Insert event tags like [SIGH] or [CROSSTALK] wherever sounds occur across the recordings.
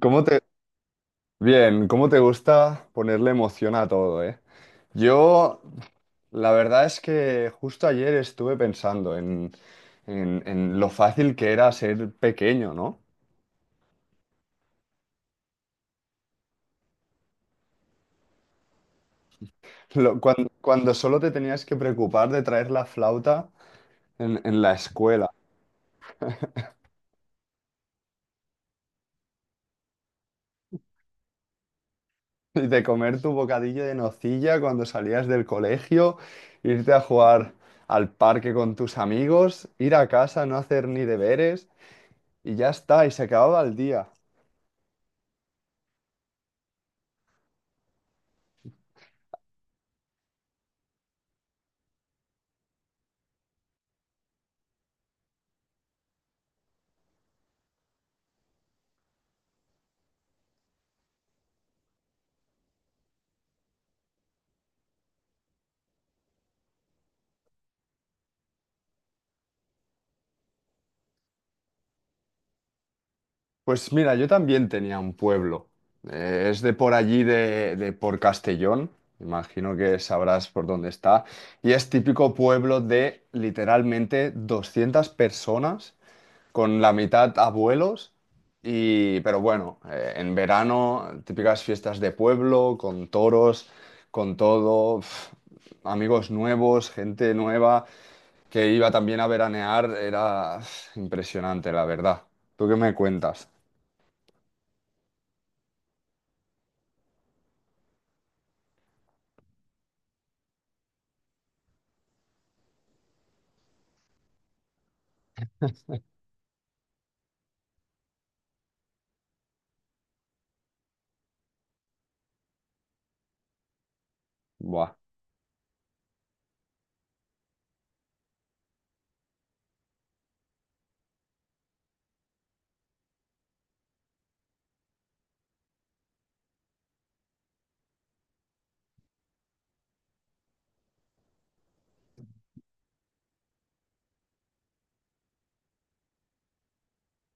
¿Cómo te... Bien, ¿cómo te gusta ponerle emoción a todo, eh? Yo, la verdad es que justo ayer estuve pensando en lo fácil que era ser pequeño, ¿no? Solo te tenías que preocupar de traer la flauta en la escuela [LAUGHS] y de comer tu bocadillo de nocilla cuando salías del colegio, irte a jugar al parque con tus amigos, ir a casa, no hacer ni deberes y ya está, y se acababa el día. Pues mira, yo también tenía un pueblo. Es de por allí, de por Castellón. Imagino que sabrás por dónde está. Y es típico pueblo de literalmente 200 personas, con la mitad abuelos. Y pero bueno, en verano, típicas fiestas de pueblo, con toros, con todo, uf, amigos nuevos, gente nueva, que iba también a veranear. Era uf, impresionante, la verdad. ¿Tú qué me cuentas? Buah.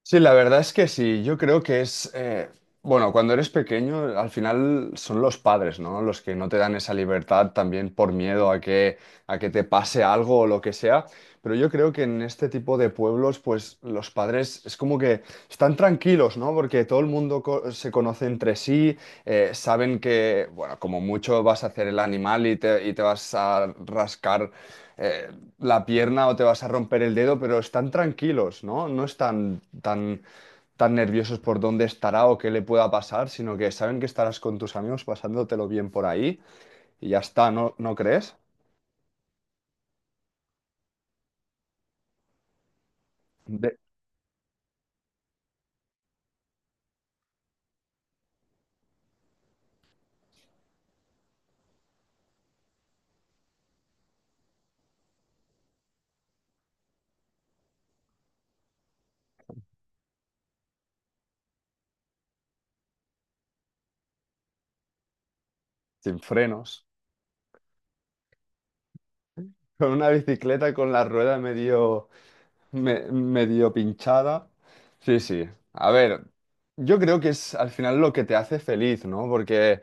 Sí, la verdad es que sí. Yo creo que es, bueno, cuando eres pequeño, al final son los padres, ¿no? Los que no te dan esa libertad también por miedo a que te pase algo o lo que sea. Pero yo creo que en este tipo de pueblos, pues los padres es como que están tranquilos, ¿no? Porque todo el mundo se conoce entre sí, saben que, bueno, como mucho vas a hacer el animal y te vas a rascar. eh, la pierna o te vas a romper el dedo, pero están tranquilos, ¿no? No están tan, tan nerviosos por dónde estará o qué le pueda pasar, sino que saben que estarás con tus amigos pasándotelo bien por ahí y ya está, ¿no, no crees? De- Sin frenos, con una bicicleta con la rueda medio, medio pinchada. Sí, sí. A ver, yo creo que es al final lo que te hace feliz, ¿no? Porque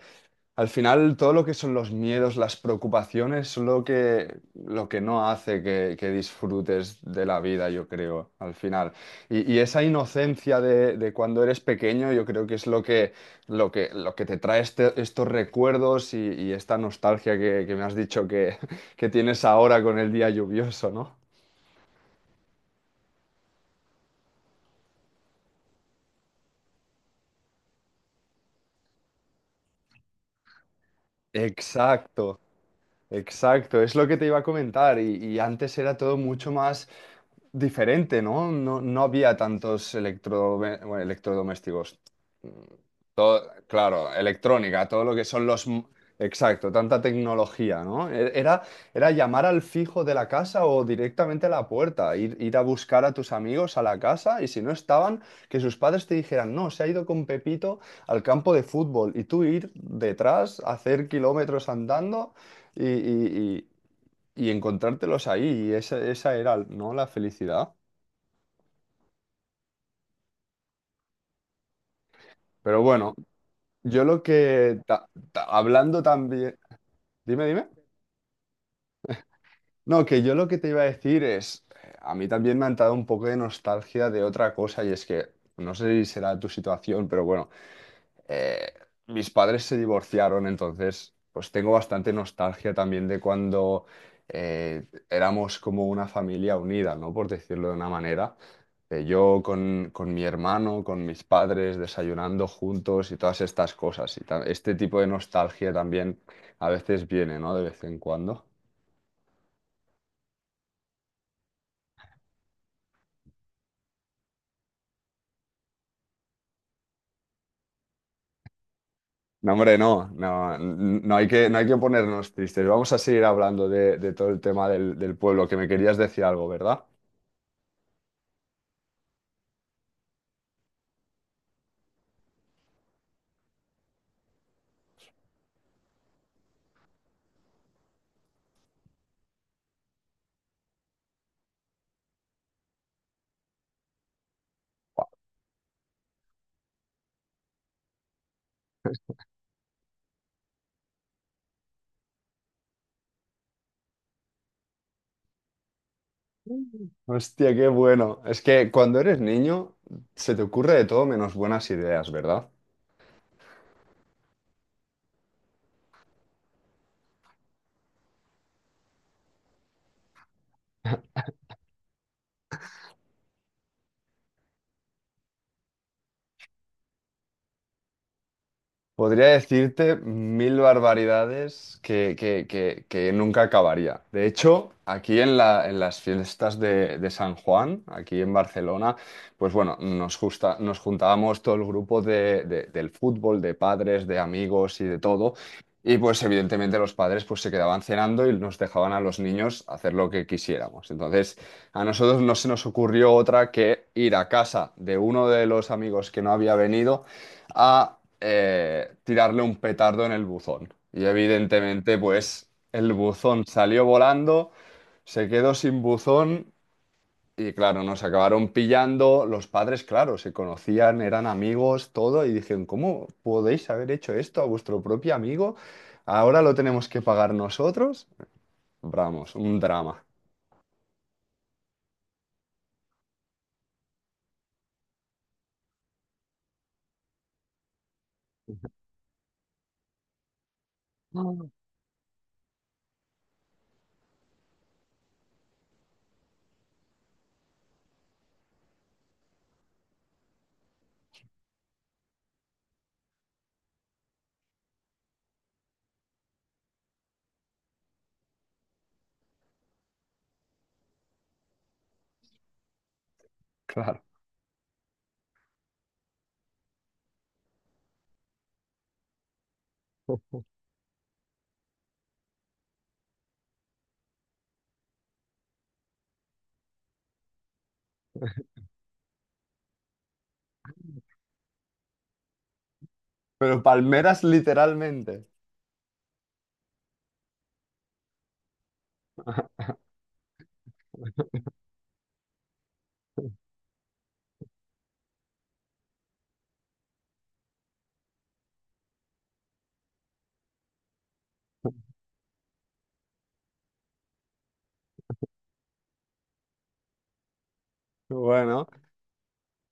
al final todo lo que son los miedos, las preocupaciones, son lo que no hace que disfrutes de la vida, yo creo, al final. Y esa inocencia de cuando eres pequeño, yo creo que es lo que te trae estos recuerdos y esta nostalgia que me has dicho que, [LAUGHS] que tienes ahora con el día lluvioso, ¿no? Exacto. Exacto, es lo que te iba a comentar y antes era todo mucho más diferente, ¿no? No, no había tantos electro, bueno, electrodomésticos. Todo, claro, electrónica, todo lo que son los... m- Exacto, tanta tecnología, ¿no? Era, era llamar al fijo de la casa o directamente a la puerta, ir a buscar a tus amigos a la casa y si no estaban, que sus padres te dijeran, no, se ha ido con Pepito al campo de fútbol y tú ir detrás, hacer kilómetros andando y, y- y- y encontrártelos ahí, y esa era, ¿no? La felicidad. Pero bueno, yo lo que, hablando también, dime, dime. No, que yo lo que te iba a decir es, a mí también me han dado un poco de nostalgia de otra cosa, y es que, no sé si será tu situación, pero bueno, eh, mis padres se divorciaron, entonces, pues tengo bastante nostalgia también de cuando éramos como una familia unida, ¿no? Por decirlo de una manera. De yo con mi hermano, con mis padres, desayunando juntos y todas estas cosas. Y este tipo de nostalgia también a veces viene, ¿no? De vez en cuando. No, hombre, no, no, no hay que, no hay que ponernos tristes. Vamos a seguir hablando de todo el tema del, del pueblo, que me querías decir algo, ¿verdad? Hostia, qué bueno. Es que cuando eres niño se te ocurre de todo menos buenas ideas, ¿verdad? Podría decirte mil barbaridades que nunca acabaría. De hecho, aquí en en las fiestas de San Juan, aquí en Barcelona, pues bueno, nos, nos juntábamos todo el grupo del fútbol, de padres, de amigos y de todo. Y pues evidentemente los padres pues se quedaban cenando y nos dejaban a los niños hacer lo que quisiéramos. Entonces, a nosotros no se nos ocurrió otra que ir a casa de uno de los amigos que no había venido a tirarle un petardo en el buzón. Y evidentemente, pues el buzón salió volando, se quedó sin buzón y claro, nos acabaron pillando. Los padres, claro, se conocían, eran amigos, todo, y dijeron, ¿cómo podéis haber hecho esto a vuestro propio amigo? Ahora lo tenemos que pagar nosotros. Vamos, un drama. Mm, claro. Pero palmeras literalmente. [LAUGHS] Bueno,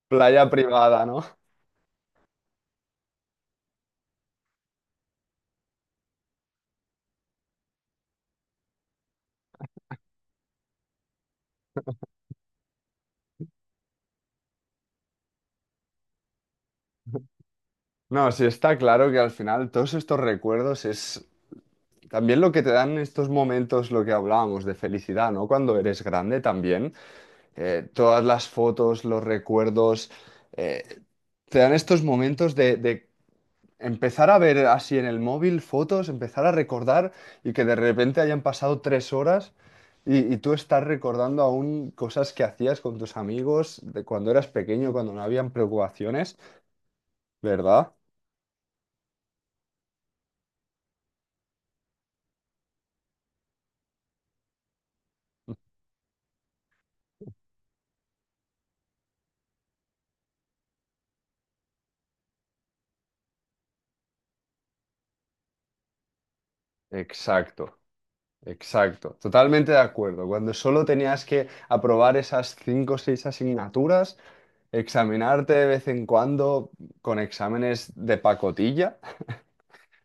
playa privada, ¿no? No, sí está claro que al final todos estos recuerdos es también lo que te dan estos momentos, lo que hablábamos de felicidad, ¿no? Cuando eres grande también, todas las fotos, los recuerdos, eh, te dan estos momentos de empezar a ver así en el móvil fotos, empezar a recordar y que de repente hayan pasado 3 horas y tú estás recordando aún cosas que hacías con tus amigos de cuando eras pequeño, cuando no habían preocupaciones, ¿verdad? Exacto. Exacto, totalmente de acuerdo. Cuando solo tenías que aprobar esas 5 o 6 asignaturas, examinarte de vez en cuando con exámenes de pacotilla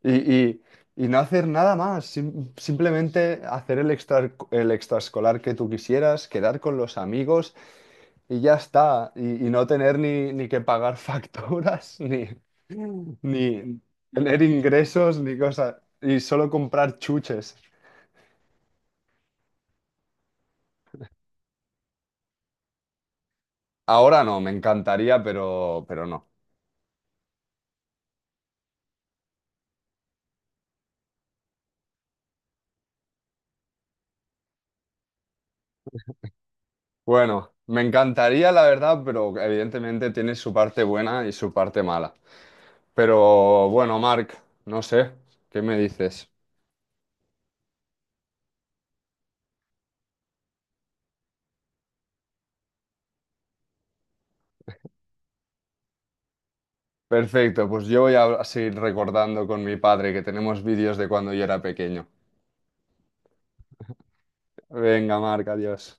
y, y- y no hacer nada más, simplemente hacer el extra, el extraescolar que tú quisieras, quedar con los amigos y ya está, y no tener ni que pagar facturas, [LAUGHS] ni, ni tener ingresos, ni cosas, y solo comprar chuches. Ahora no, me encantaría, pero no. Bueno, me encantaría, la verdad, pero evidentemente tiene su parte buena y su parte mala. Pero bueno, Marc, no sé, ¿qué me dices? Perfecto, pues yo voy a seguir recordando con mi padre que tenemos vídeos de cuando yo era pequeño. Venga, Marc, adiós.